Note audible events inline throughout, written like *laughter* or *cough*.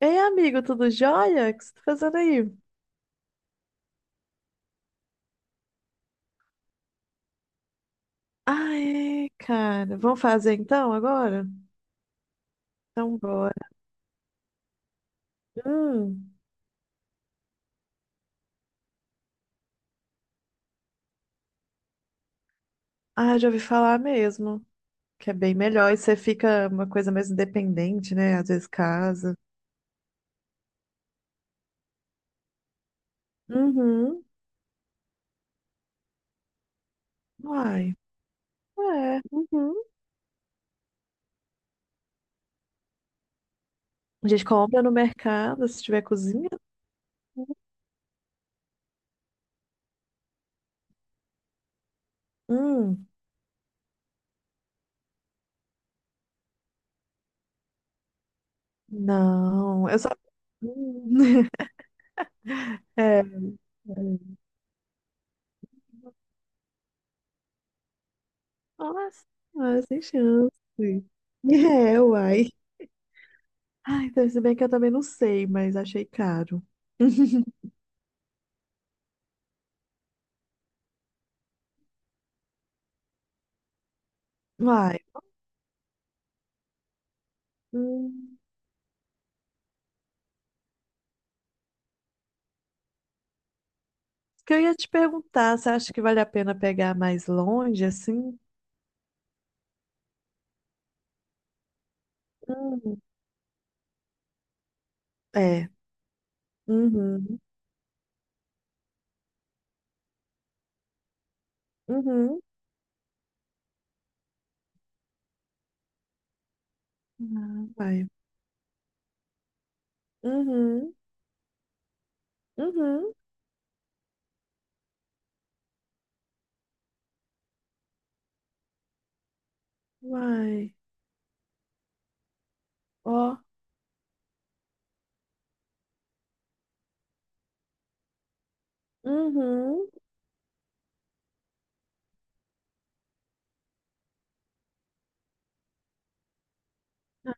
Ei, amigo, tudo jóia? O que você tá fazendo aí? Ah, é, cara. Vamos fazer então agora? Então bora. Hum. Ah, já ouvi falar mesmo. Que é bem melhor e você fica uma coisa mais independente, né? Às vezes casa. Uhum. Uai. É. Uhum. A gente compra no mercado se tiver cozinha. Hum. Não. Eu só. Hum. *laughs* É. Nossa, sem chance. É, uai. Ai, então, se bem que eu também não sei, mas achei caro. *laughs* Vai. Hum, que eu ia te perguntar, você acha que vale a pena pegar mais longe, assim? Hum, é. Uhum. Uhum. Ah, vai. Uhum. Uhum. Vai. Ó. Uhum.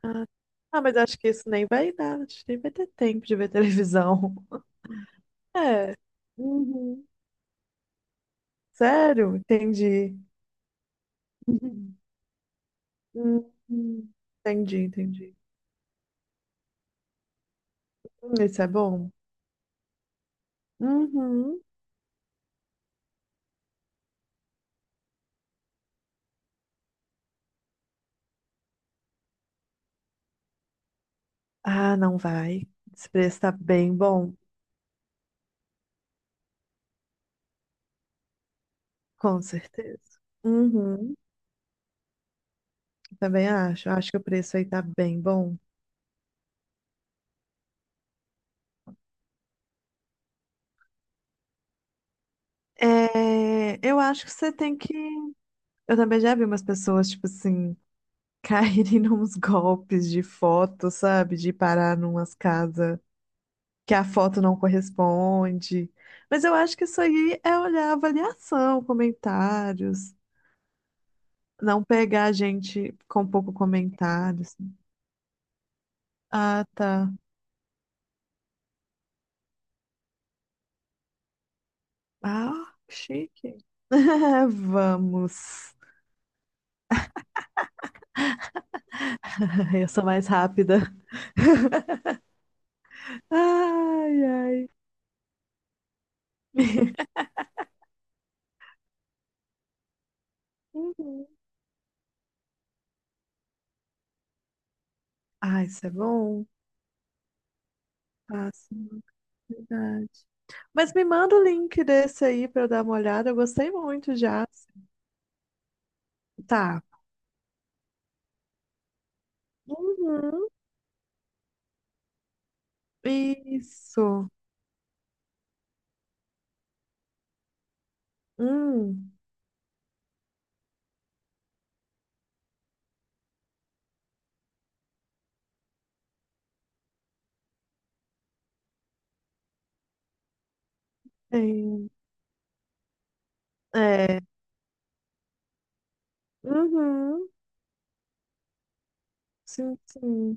Ah, ah, mas acho que isso nem vai dar. Acho que nem vai ter tempo de ver televisão. *laughs* É. Uhum. Sério? Entendi. Uhum. Uhum. Entendi, entendi. Isso é bom? Uhum. Ah, não vai. Esse preço tá bem bom, com certeza. Uhum. Também acho. Acho que o preço aí tá bem bom. É, eu acho que você tem que. Eu também já vi umas pessoas, tipo assim, *laughs* caírem nos golpes de foto, sabe? De parar numas casas que a foto não corresponde. Mas eu acho que isso aí é olhar a avaliação, comentários. Não pegar gente com pouco comentário. Ah, tá. Ah, chique. *laughs* Vamos. *laughs* Eu sou mais rápida. Ai, ai. *laughs* Uhum. Ah, isso é bom. Fácil, verdade. Mas me manda o link desse aí pra eu dar uma olhada. Eu gostei muito já. Tá. Uhum. Isso. Hum. Tem. É. Uhum. Sim, sim.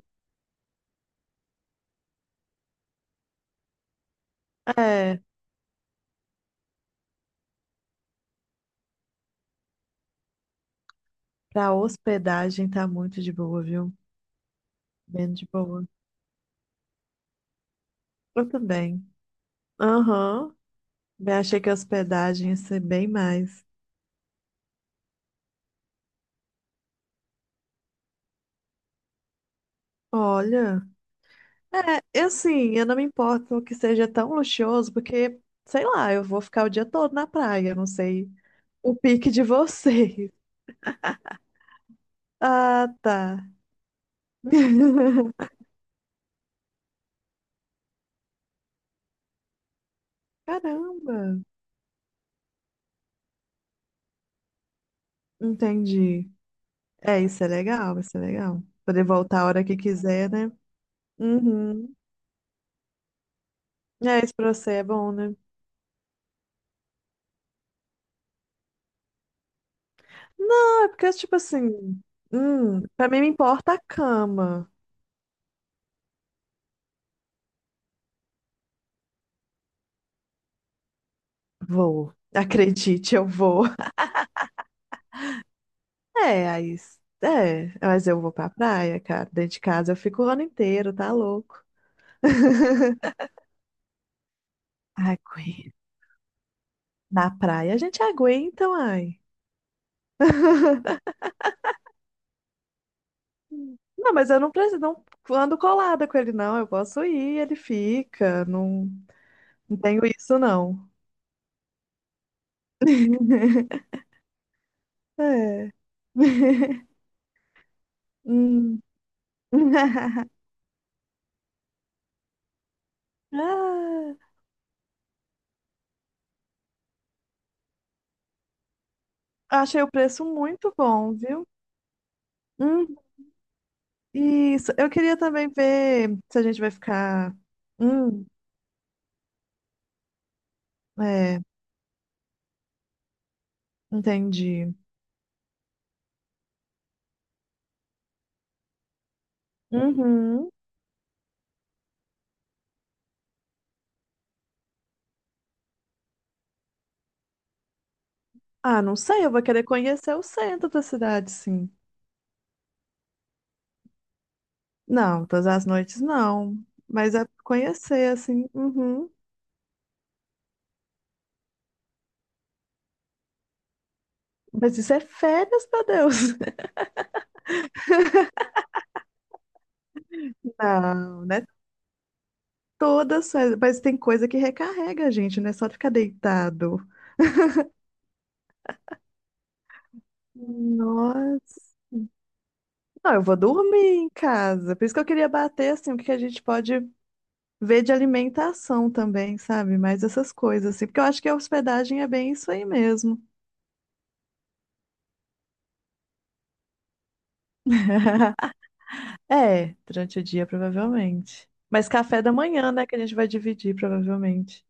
É. Pra hospedagem tá muito de boa, viu? Bem de boa. Eu também. Aham. Bem, achei que a hospedagem ia ser bem mais. Olha, é, eu sim, eu não me importo que seja tão luxuoso, porque, sei lá, eu vou ficar o dia todo na praia, eu não sei o pique de *laughs* vocês. Ah, tá. *laughs* Caramba, entendi. É, isso é legal, isso é legal. Poder voltar a hora que quiser, né? Uhum. É, isso pra você é bom, né? Não, é porque, tipo assim, pra mim me importa a cama. Vou. Acredite, eu vou. É, aí. É, mas eu vou pra praia, cara. Dentro de casa eu fico o ano inteiro, tá louco. *laughs* Aguenta. Na praia a gente aguenta, ai. Não, mas eu não preciso, não ando colada com ele, não. Eu posso ir, ele fica. Não, não tenho isso, não. *laughs* É. *laughs* Hum. *laughs* Ah, achei o preço muito bom, viu? Uhum. Isso, eu queria também ver se a gente vai ficar. Hum, é, entendi. Uhum. Ah, não sei, eu vou querer conhecer o centro da cidade, sim. Não, todas as noites não. Mas é conhecer, assim. Uhum. Mas isso é férias, meu Deus. *laughs* Não, né? Todas, férias, mas tem coisa que recarrega a gente, né? Só ficar deitado. Nossa. Não, eu vou dormir em casa. Por isso que eu queria bater, assim, o que que a gente pode ver de alimentação também, sabe? Mais essas coisas, assim, porque eu acho que a hospedagem é bem isso aí mesmo. *laughs* É, durante o dia, provavelmente. Mas café da manhã, né, que a gente vai dividir, provavelmente.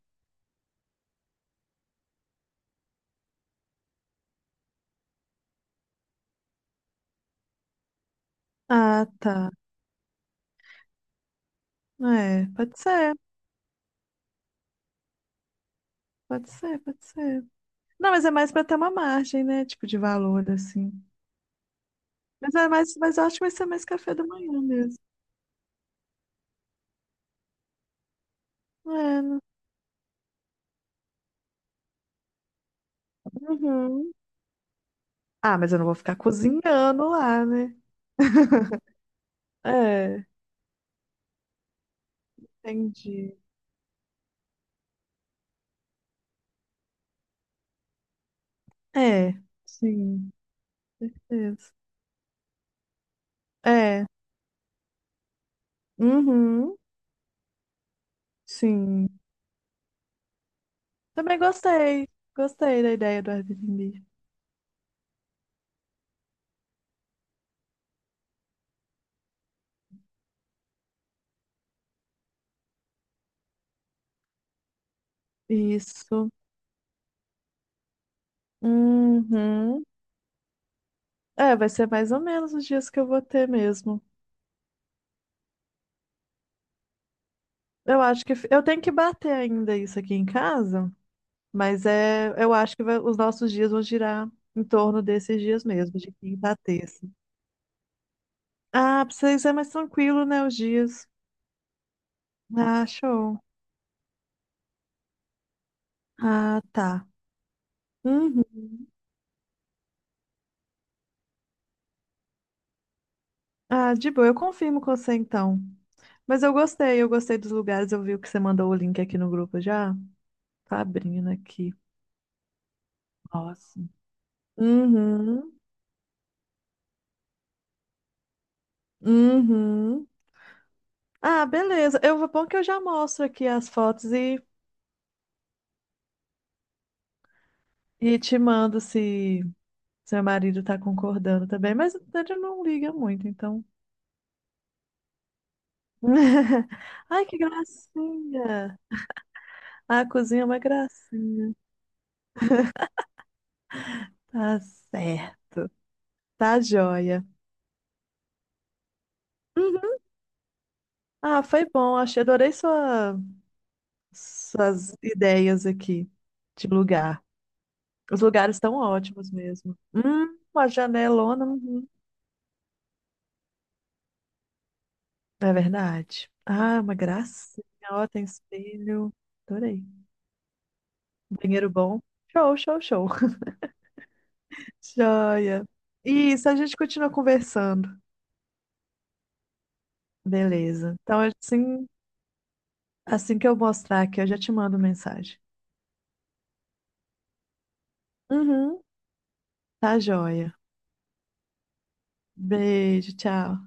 Ah, tá. É, pode ser, pode ser, pode ser. Não, mas é mais pra ter uma margem, né, tipo de valor, assim. Mas é mais, mas eu acho que vai ser mais café da manhã mesmo. É, né? Uhum. Ah, mas eu não vou ficar cozinhando lá, né? *laughs* É, entendi. É, sim, isso. É. Uhum. Sim. Também gostei. Gostei da ideia do Airbnb. Isso. Uhum. É, vai ser mais ou menos os dias que eu vou ter mesmo. Eu tenho que bater ainda isso aqui em casa, mas é, eu acho que vai- os nossos dias vão girar em torno desses dias mesmo, de quinta a terça. Ah, pra vocês é mais tranquilo, né, os dias. Ah, show. Ah, tá. Uhum. Ah, de boa, eu confirmo com você então. Mas eu gostei dos lugares. Eu vi o que você mandou o link aqui no grupo já. Tá abrindo aqui. Nossa. Uhum. Uhum. Ah, beleza. Eu vou Bom que eu já mostro aqui as fotos e te mando se seu marido tá concordando também, mas ele não liga muito, então. *laughs* Ai, que gracinha! A cozinha é uma gracinha. Tá certo. Tá joia. Uhum. Ah, foi bom. Achei, adorei suas ideias aqui de lugar. Os lugares estão ótimos mesmo. Uma janelona, uhum. É verdade. Ah, uma gracinha. Ó, tem espelho. Adorei. Banheiro bom. Show, show, show. *laughs* Joia. Isso, a gente continua conversando. Beleza. Então, assim, assim que eu mostrar aqui, eu já te mando mensagem. Uhum. Tá joia. Beijo, tchau.